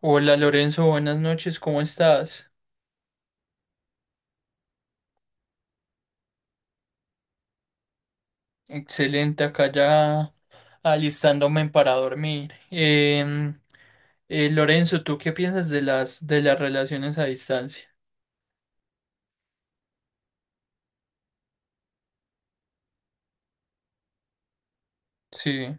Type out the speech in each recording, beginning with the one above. Hola Lorenzo, buenas noches, ¿cómo estás? Excelente, acá ya alistándome para dormir. Lorenzo, ¿tú qué piensas de las relaciones a distancia? Sí.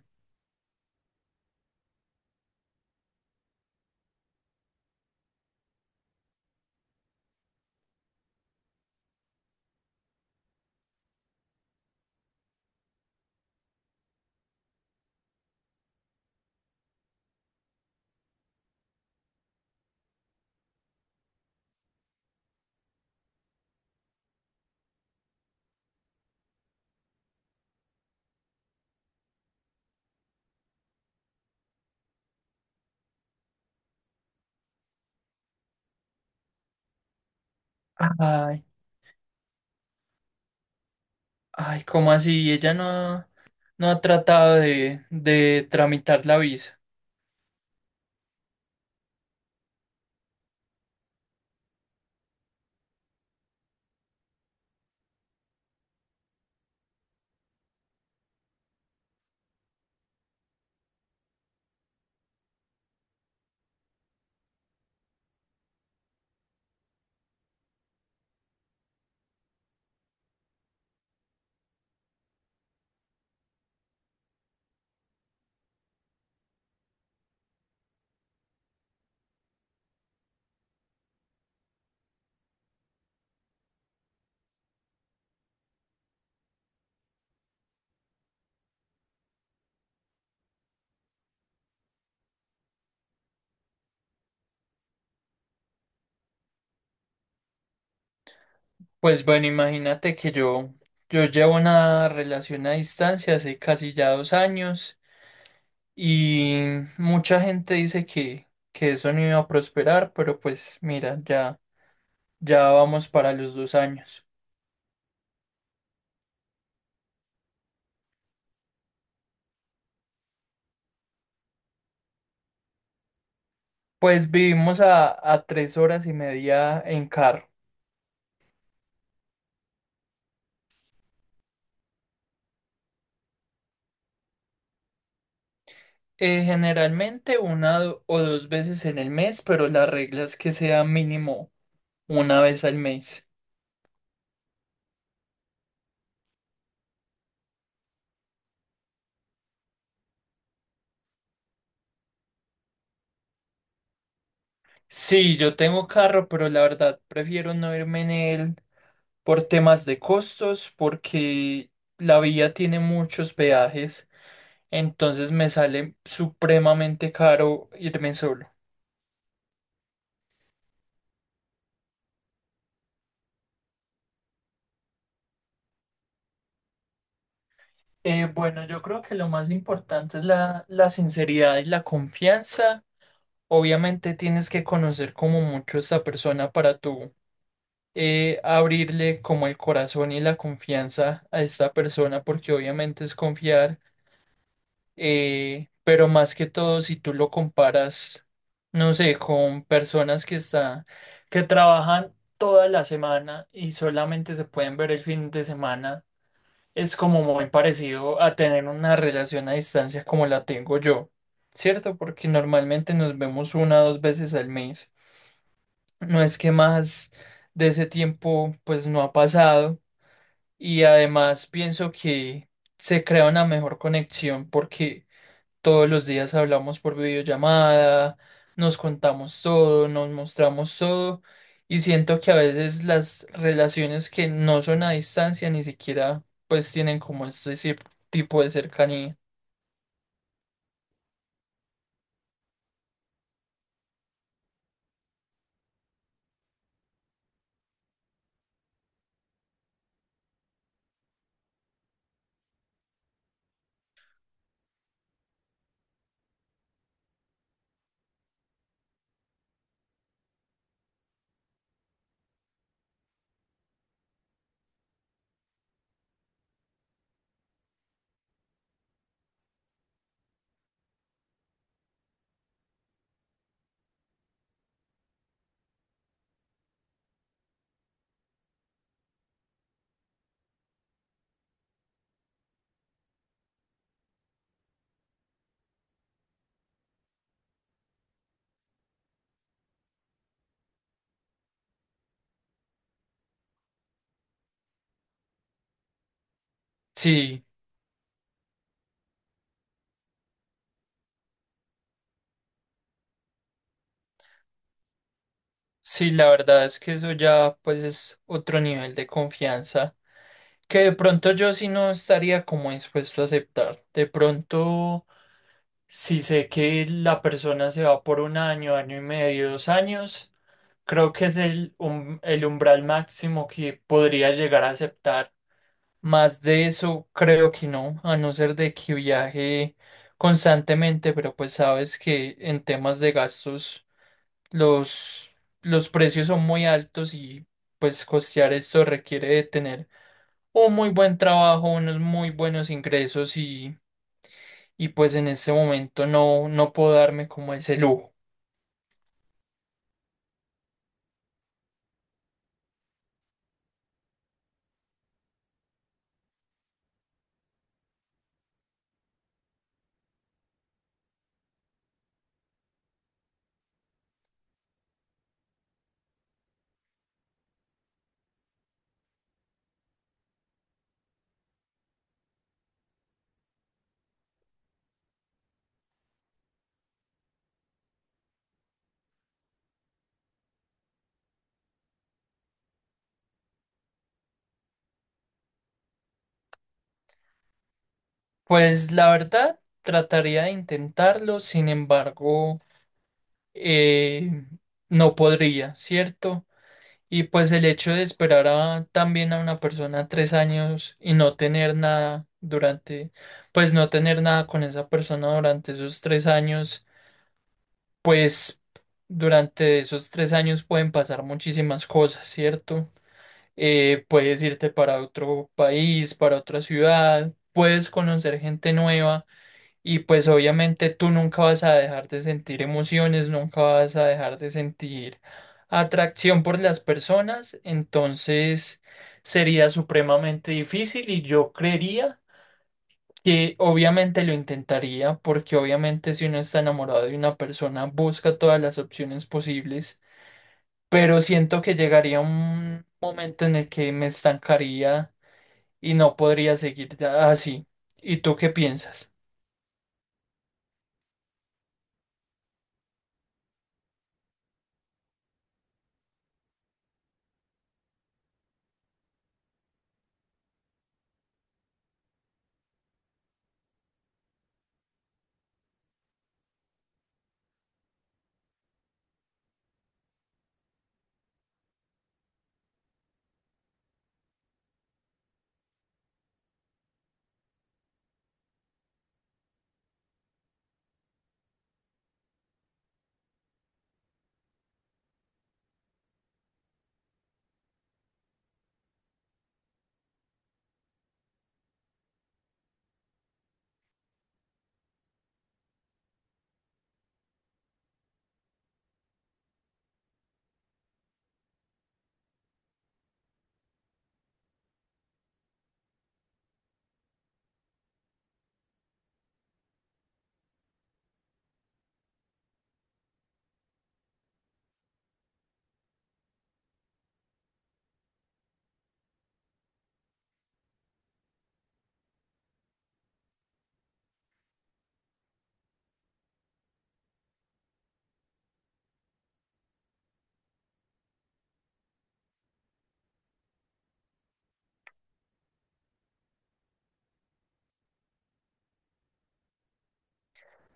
Ay, ay, ¿cómo así? Ella no, no ha tratado de tramitar la visa. Pues bueno, imagínate que yo llevo una relación a distancia hace casi ya 2 años. Y mucha gente dice que eso no iba a prosperar, pero pues mira, ya vamos para los 2 años. Pues vivimos a 3 horas y media en carro. Generalmente una o dos veces en el mes, pero la regla es que sea mínimo una vez al mes. Sí, yo tengo carro, pero la verdad prefiero no irme en él por temas de costos, porque la vía tiene muchos peajes. Entonces me sale supremamente caro irme solo. Bueno, yo creo que lo más importante es la sinceridad y la confianza. Obviamente tienes que conocer como mucho a esta persona para tú abrirle como el corazón y la confianza a esta persona porque obviamente es confiar. Pero más que todo, si tú lo comparas, no sé, con personas que están, que trabajan toda la semana y solamente se pueden ver el fin de semana, es como muy parecido a tener una relación a distancia como la tengo yo, ¿cierto? Porque normalmente nos vemos una o dos veces al mes. No es que más de ese tiempo pues no ha pasado y además pienso que se crea una mejor conexión porque todos los días hablamos por videollamada, nos contamos todo, nos mostramos todo y siento que a veces las relaciones que no son a distancia ni siquiera pues tienen como ese tipo de cercanía. Sí, sí, la verdad es que eso ya pues es otro nivel de confianza que de pronto yo sí no estaría como dispuesto a aceptar. De pronto, si sé que la persona se va por un año, año y medio, 2 años. Creo que es el umbral máximo que podría llegar a aceptar. Más de eso, creo que no, a no ser de que viaje constantemente, pero pues sabes que en temas de gastos los, los precios son muy altos y pues costear esto requiere de tener un muy buen trabajo, unos muy buenos ingresos y pues en este momento no puedo darme como ese lujo. Pues la verdad, trataría de intentarlo, sin embargo. eh, no podría, ¿cierto? Y pues el hecho de esperar a, también a una persona 3 años y no tener nada durante, pues no tener nada con esa persona durante esos 3 años, pues durante esos 3 años pueden pasar muchísimas cosas, ¿cierto? Puedes irte para otro país, para otra ciudad, puedes conocer gente nueva y pues obviamente tú nunca vas a dejar de sentir emociones, nunca vas a dejar de sentir atracción por las personas, entonces sería supremamente difícil y yo creería que obviamente lo intentaría porque obviamente si uno está enamorado de una persona busca todas las opciones posibles, pero siento que llegaría un momento en el que me estancaría y no podría seguir así. ¿Y tú qué piensas?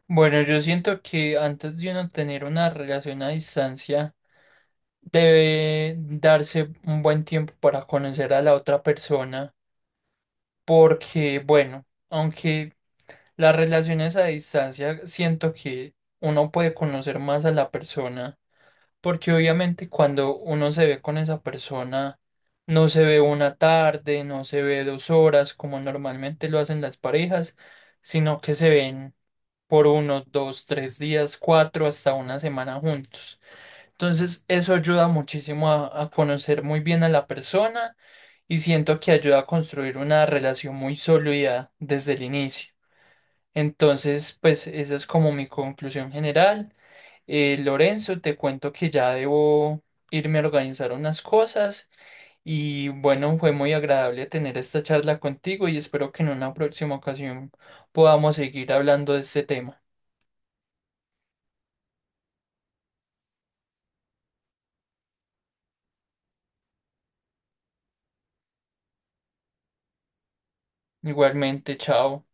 Bueno, yo siento que antes de uno tener una relación a distancia, debe darse un buen tiempo para conocer a la otra persona, porque, bueno, aunque las relaciones a distancia, siento que uno puede conocer más a la persona, porque obviamente cuando uno se ve con esa persona, no se ve una tarde, no se ve 2 horas, como normalmente lo hacen las parejas, sino que se ven por uno, dos, tres días, cuatro, hasta una semana juntos. Entonces, eso ayuda muchísimo a conocer muy bien a la persona y siento que ayuda a construir una relación muy sólida desde el inicio. Entonces, pues esa es como mi conclusión general. Lorenzo, te cuento que ya debo irme a organizar unas cosas y bueno, fue muy agradable tener esta charla contigo y espero que en una próxima ocasión podamos seguir hablando de este tema. Igualmente, chao.